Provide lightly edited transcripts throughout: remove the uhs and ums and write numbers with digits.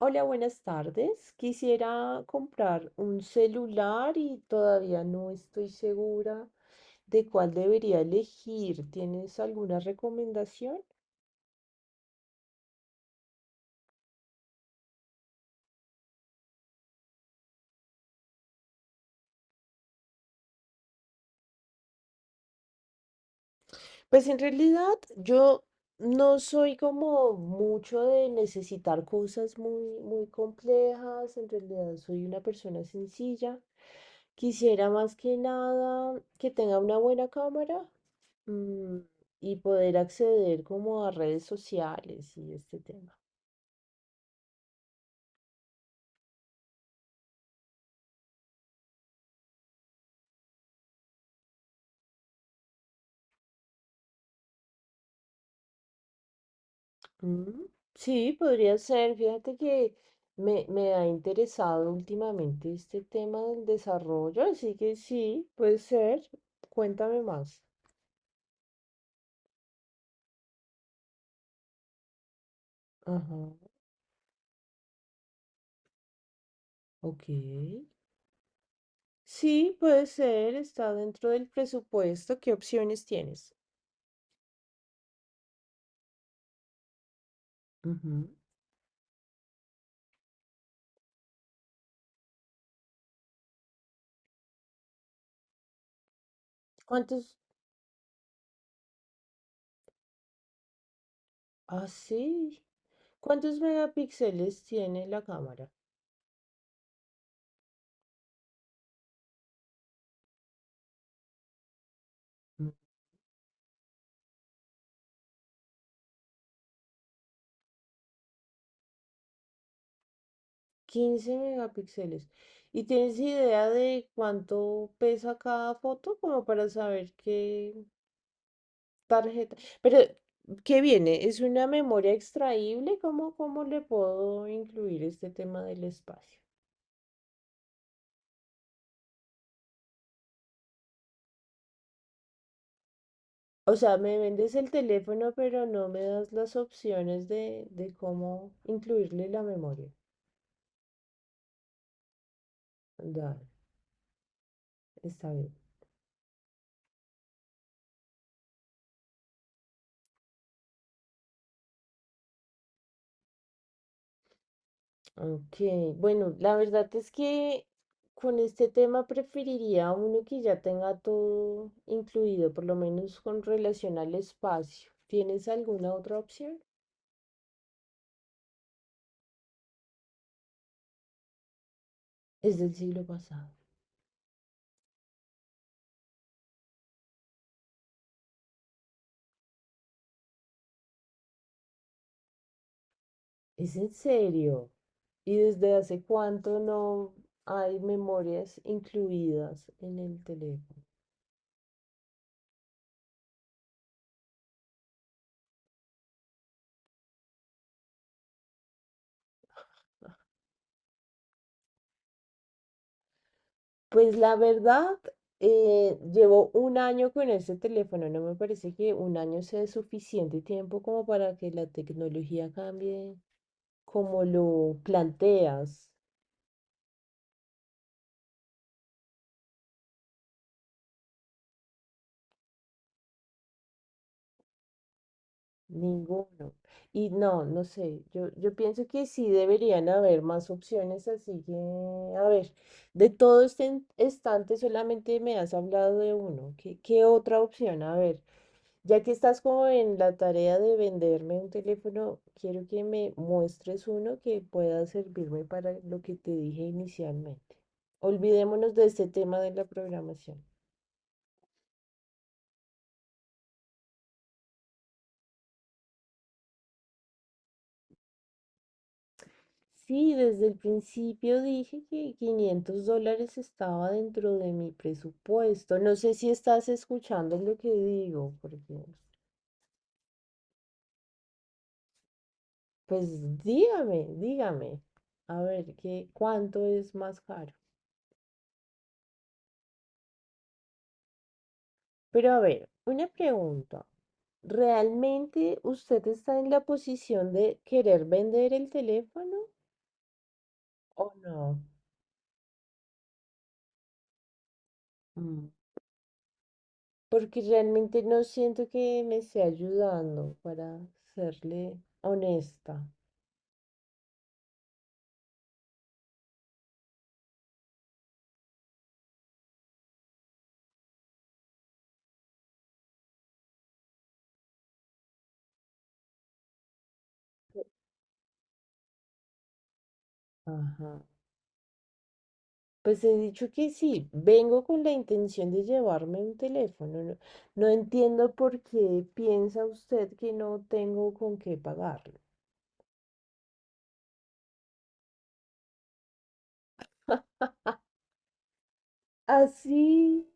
Hola, buenas tardes. Quisiera comprar un celular y todavía no estoy segura de cuál debería elegir. ¿Tienes alguna recomendación? Pues en realidad yo no soy como mucho de necesitar cosas muy, muy complejas. En realidad soy una persona sencilla. Quisiera más que nada que tenga una buena cámara mm, y poder acceder como a redes sociales y este tema. Mm, sí, podría ser. Fíjate que me ha interesado últimamente este tema del desarrollo, así que sí, puede ser. Cuéntame más. Ajá, ok. Sí, puede ser. Está dentro del presupuesto. ¿Qué opciones tienes? Ujú. ¿Cuántos? Ah, sí. ¿Cuántos megapíxeles tiene la cámara? 15 megapíxeles. ¿Y tienes idea de cuánto pesa cada foto? Como para saber qué tarjeta. Pero, ¿qué viene? ¿Es una memoria extraíble? ¿Cómo le puedo incluir este tema del espacio? O sea, me vendes el teléfono, pero no me das las opciones de cómo incluirle la memoria. Dale, está bien. Ok, bueno, la verdad es que con este tema preferiría uno que ya tenga todo incluido, por lo menos con relación al espacio. ¿Tienes alguna otra opción? Es del siglo pasado. ¿Es en serio? ¿Y desde hace cuánto no hay memorias incluidas en el teléfono? Pues la verdad, llevo un año con este teléfono. No me parece que un año sea suficiente tiempo como para que la tecnología cambie como lo planteas, ninguno. Y no, no sé, yo pienso que sí deberían haber más opciones, así que, a ver, de todo este estante solamente me has hablado de uno. ¿Qué otra opción? A ver, ya que estás como en la tarea de venderme un teléfono, quiero que me muestres uno que pueda servirme para lo que te dije inicialmente. Olvidémonos de este tema de la programación. Sí, desde el principio dije que $500 estaba dentro de mi presupuesto. No sé si estás escuchando lo que digo, porque, pues dígame, dígame, a ver, ¿ cuánto es más caro? Pero a ver, una pregunta. ¿Realmente usted está en la posición de querer vender el teléfono o no? Mm. Porque realmente no siento que me esté ayudando, para serle honesta. Ajá. Pues he dicho que sí, vengo con la intención de llevarme un teléfono. No, no entiendo por qué piensa usted que no tengo con qué pagarlo. Así,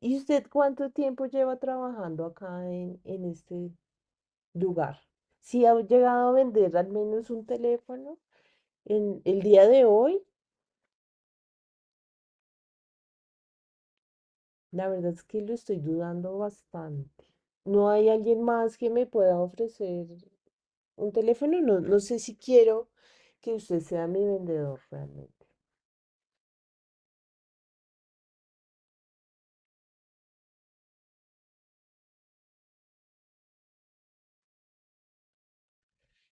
¿y usted cuánto tiempo lleva trabajando acá en este lugar? Si ha llegado a vender al menos un teléfono en el día de hoy, la verdad es que lo estoy dudando bastante. ¿No hay alguien más que me pueda ofrecer un teléfono? No, no sé si quiero que usted sea mi vendedor realmente.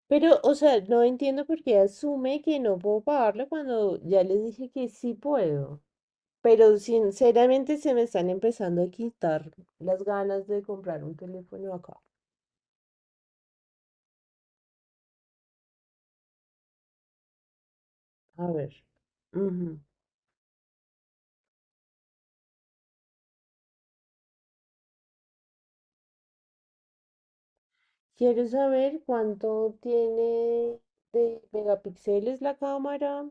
Pero, o sea, no entiendo por qué asume que no puedo pagarlo cuando ya les dije que sí puedo. Pero sinceramente se me están empezando a quitar las ganas de comprar un teléfono acá. A ver. Ujú. Quiero saber cuánto tiene de megapíxeles la cámara.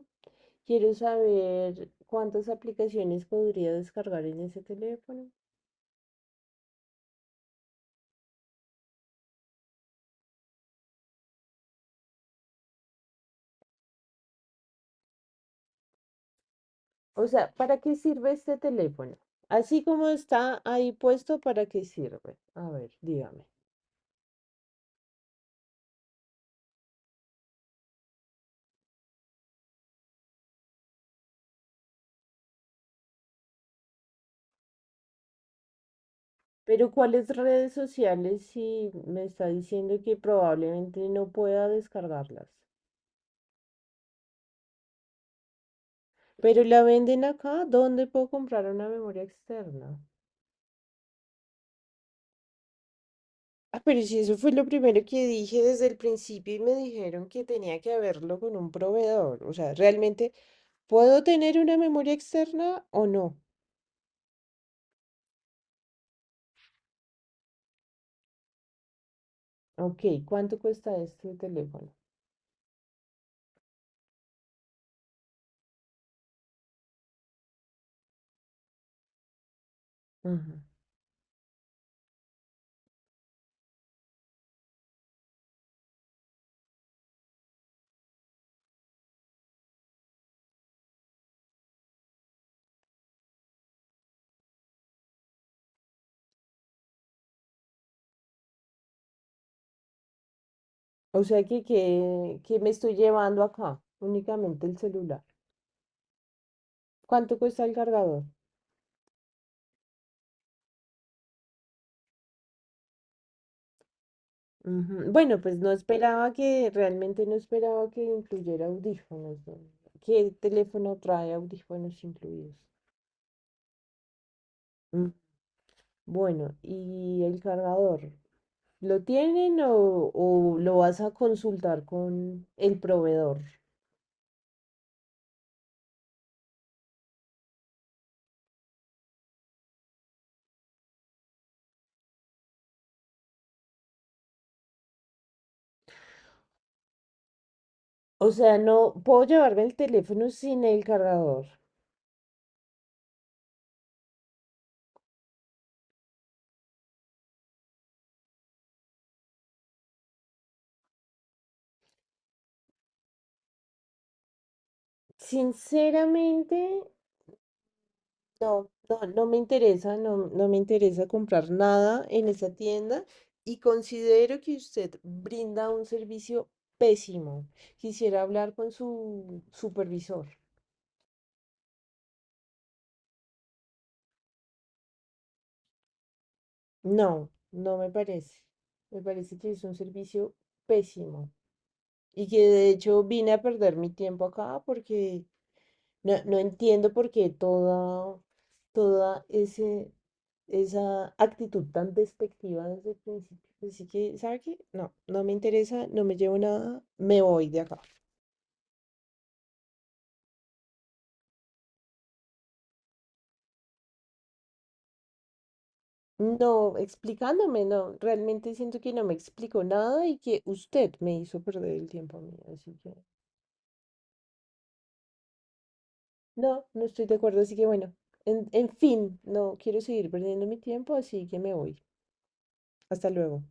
Quiero saber cuántas aplicaciones podría descargar en ese teléfono. O sea, ¿para qué sirve este teléfono? Así como está ahí puesto, ¿para qué sirve? A ver, dígame. Pero ¿cuáles redes sociales si me está diciendo que probablemente no pueda descargarlas? Pero la venden acá, ¿dónde puedo comprar una memoria externa? Ah, pero si eso fue lo primero que dije desde el principio y me dijeron que tenía que verlo con un proveedor. O sea, ¿realmente puedo tener una memoria externa o no? Ok, ¿cuánto cuesta este teléfono? Ujú. O sea que me estoy llevando acá, únicamente el celular. ¿Cuánto cuesta el cargador? Ujú. Bueno, pues realmente no esperaba que incluyera audífonos. ¿No? ¿Qué teléfono trae audífonos incluidos? Mm, bueno, ¿y el cargador? ¿Lo tienen o lo vas a consultar con el proveedor? O sea, no puedo llevarme el teléfono sin el cargador. Sinceramente, no, no, no me interesa, no, no me interesa comprar nada en esa tienda y considero que usted brinda un servicio pésimo. Quisiera hablar con su supervisor. No, no me parece. Me parece que es un servicio pésimo y que de hecho vine a perder mi tiempo acá porque no, no entiendo por qué toda ese, esa actitud tan despectiva desde el principio. Así que, ¿sabe qué? No, no me interesa, no me llevo nada, me voy de acá. No, explicándome, no, realmente siento que no me explico nada y que usted me hizo perder el tiempo a mí. Así que, no, no estoy de acuerdo, así que bueno, en fin, no quiero seguir perdiendo mi tiempo, así que me voy. Hasta luego.